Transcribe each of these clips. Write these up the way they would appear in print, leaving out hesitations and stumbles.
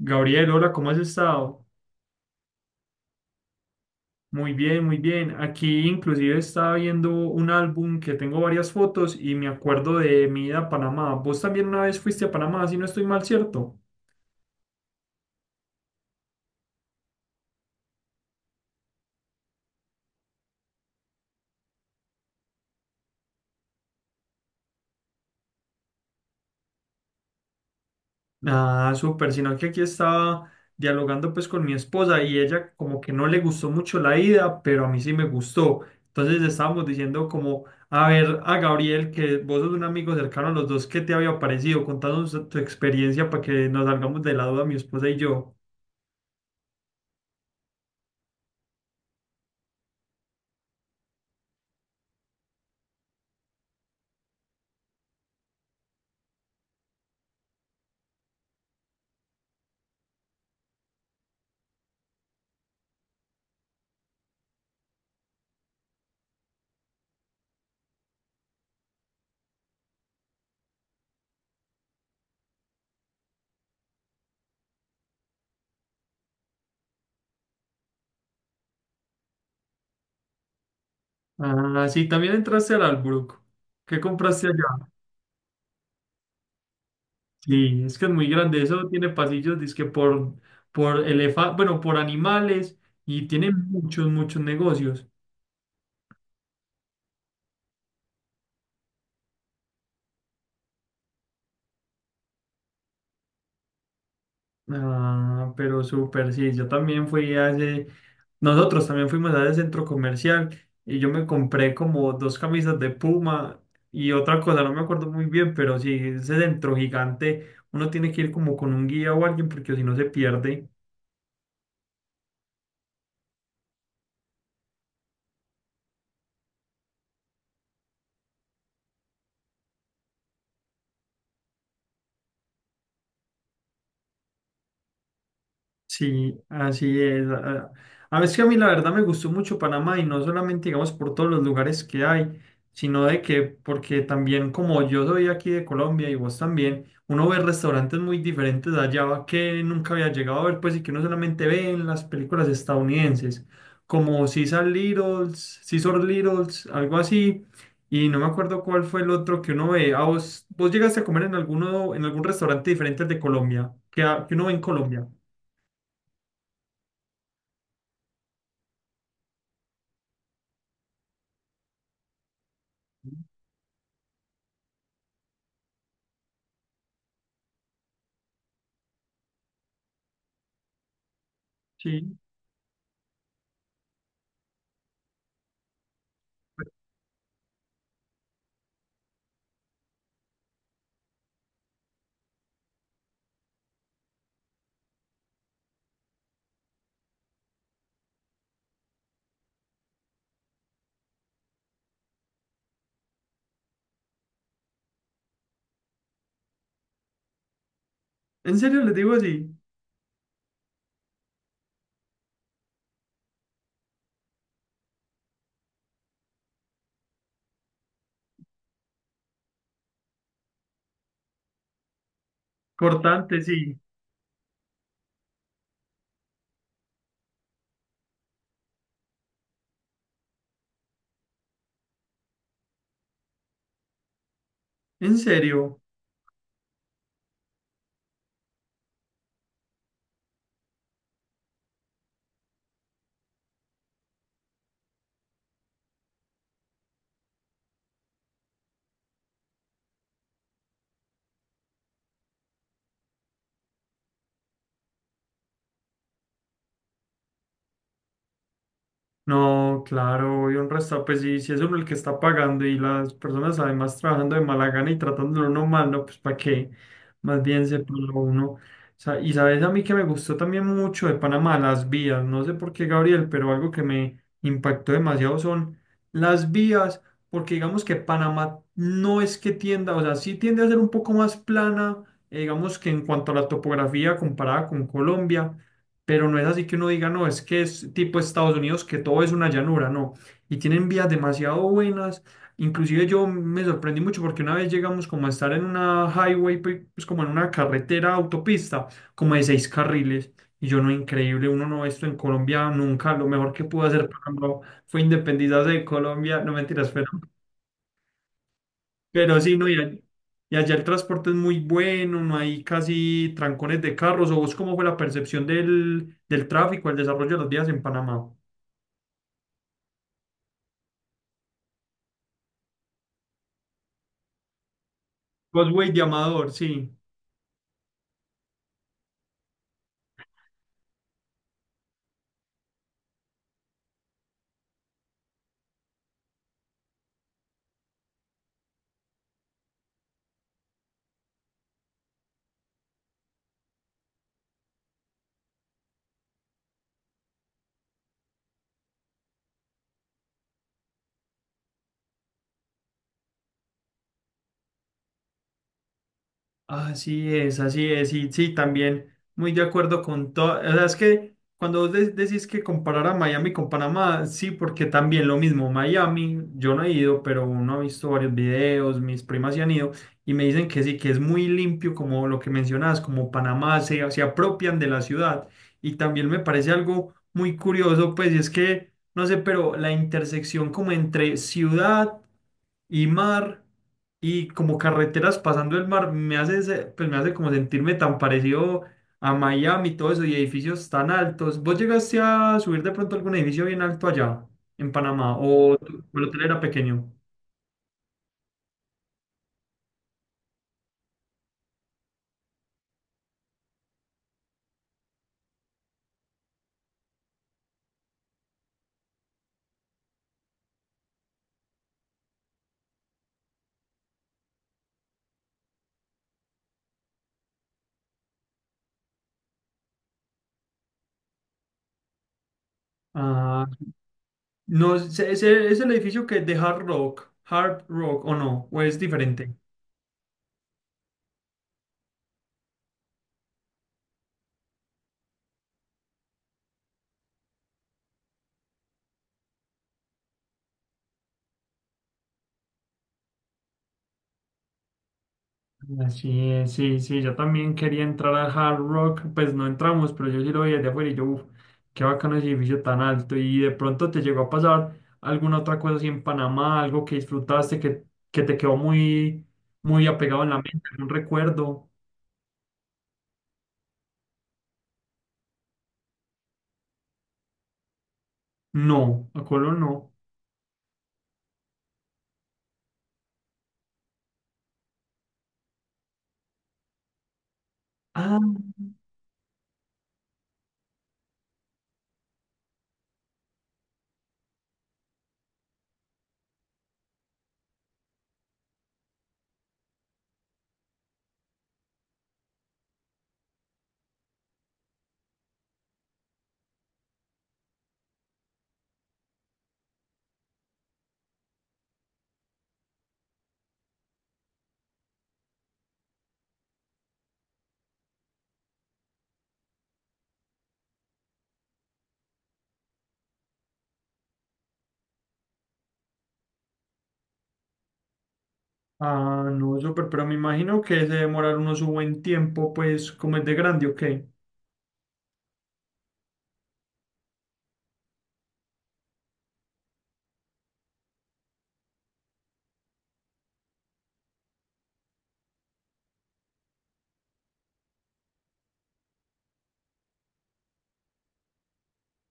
Gabriel, hola, ¿cómo has estado? Muy bien, muy bien. Aquí inclusive estaba viendo un álbum que tengo varias fotos y me acuerdo de mi ida a Panamá. Vos también una vez fuiste a Panamá, si no estoy mal, ¿cierto? Ah, súper, sino que aquí estaba dialogando pues con mi esposa y ella como que no le gustó mucho la ida, pero a mí sí me gustó. Entonces estábamos diciendo como, a ver, a Gabriel, que vos sos un amigo cercano a los dos, ¿qué te había parecido? Contanos tu experiencia para que nos salgamos de la duda mi esposa y yo. Ah, sí, también entraste al Albrook. ¿Qué compraste allá? Sí, es que es muy grande. Eso tiene pasillos, dizque por, bueno, por animales y tiene muchos negocios. Ah, pero súper, sí. Yo también fui a ese, nosotros también fuimos a ese centro comercial y yo me compré como dos camisas de Puma y otra cosa, no me acuerdo muy bien, pero sí, ese centro gigante, uno tiene que ir como con un guía o alguien porque si no se pierde. Sí, así es. A veces que a mí la verdad me gustó mucho Panamá y no solamente, digamos, por todos los lugares que hay, sino de que, porque también como yo soy aquí de Colombia y vos también, uno ve restaurantes muy diferentes de allá que nunca había llegado a ver, pues, y que uno solamente ve en las películas estadounidenses, como Cesar Littles, Cesar Littles, algo así, y no me acuerdo cuál fue el otro que uno ve. ¿A vos llegaste a comer en alguno, en algún restaurante diferente al de Colombia, que, que uno ve en Colombia? Sí. En serio les digo así. Cortante, sí. En serio. No, claro, y un restaurante, pues sí, si es uno el que está pagando y las personas además trabajando de mala gana y tratándolo uno mal, no, pues para qué, más bien se pone uno. O sea, y sabes a mí que me gustó también mucho de Panamá, las vías, no sé por qué Gabriel, pero algo que me impactó demasiado son las vías, porque digamos que Panamá no es que tienda, o sea, sí tiende a ser un poco más plana, digamos que en cuanto a la topografía comparada con Colombia, pero no es así que uno diga, no, es que es tipo Estados Unidos, que todo es una llanura, no. Y tienen vías demasiado buenas. Inclusive yo me sorprendí mucho porque una vez llegamos como a estar en una highway, pues como en una carretera autopista, como de seis carriles. Y yo no, increíble, uno no, ve esto en Colombia nunca. Lo mejor que pudo hacer, por ejemplo, fue independizarse de Colombia, no mentiras, pero... Pero sí, no, y allá el transporte es muy bueno, no hay casi trancones de carros. ¿O vos cómo fue la percepción del tráfico, el desarrollo de los vías en Panamá? Vos, güey, de Amador, sí. Así es, y sí, también muy de acuerdo con todo. O sea, es que cuando vos decís que comparar a Miami con Panamá, sí, porque también lo mismo, Miami, yo no he ido, pero uno ha visto varios videos, mis primas se han ido y me dicen que sí, que es muy limpio, como lo que mencionabas, como Panamá se apropian de la ciudad. Y también me parece algo muy curioso, pues, y es que, no sé, pero la intersección como entre ciudad y mar y como carreteras pasando el mar, me hace, pues me hace como sentirme tan parecido a Miami y todo eso y edificios tan altos. ¿Vos llegaste a subir de pronto algún edificio bien alto allá en Panamá o o el hotel era pequeño? Ah, no, ¿es, es el edificio que es de Hard Rock, Hard Rock o no? ¿O es diferente? Así es, sí, sí, yo también quería entrar al Hard Rock, pues no entramos, pero yo sí lo vi desde afuera y yo, uff, qué bacano ese edificio tan alto. Y de pronto te llegó a pasar alguna otra cosa así en Panamá, algo que disfrutaste, que te quedó muy, muy apegado en la mente, un recuerdo. No, a Colón no. Ah, ah, no, súper, pero me imagino que se demoraron unos un buen tiempo, pues, como es de grande, ¿o qué?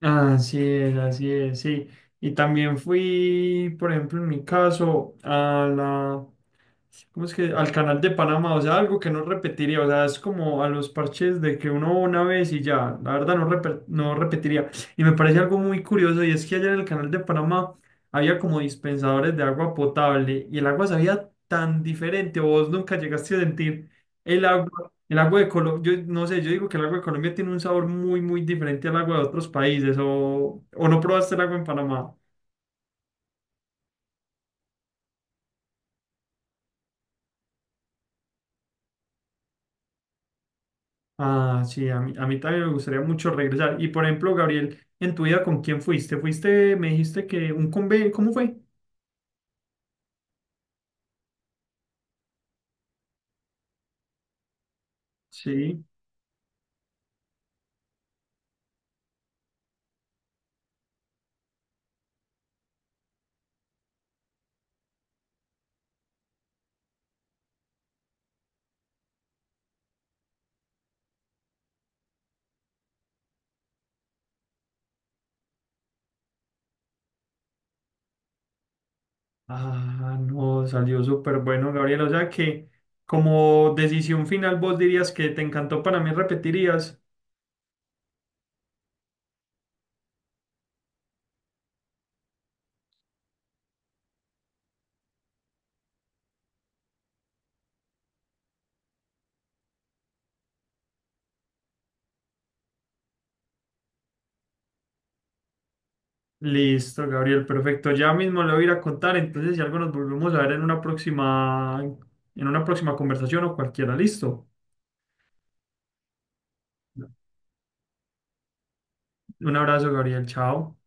Así es, sí. Y también fui, por ejemplo, en mi caso, a la, ¿cómo es que? Al canal de Panamá, o sea, algo que no repetiría, o sea, es como a los parches de que uno va una vez y ya, la verdad no, no repetiría. Y me parece algo muy curioso y es que allá en el canal de Panamá había como dispensadores de agua potable y el agua sabía tan diferente, o vos nunca llegaste a sentir el agua. El agua de Colombia, yo no sé, yo digo que el agua de Colombia tiene un sabor muy, muy diferente al agua de otros países, o no probaste el agua en Panamá. Ah, sí, a mí también me gustaría mucho regresar. Y por ejemplo, Gabriel, en tu vida, ¿con quién fuiste? Fuiste, me dijiste que un conve, ¿cómo fue? Sí. Ah, no, salió súper bueno, Gabriel. O sea que como decisión final, vos dirías que te encantó Panamá y repetirías. Listo, Gabriel, perfecto. Ya mismo le voy a ir a contar, entonces si algo nos volvemos a ver en una próxima conversación o cualquiera. Listo. Un abrazo, Gabriel. Chao.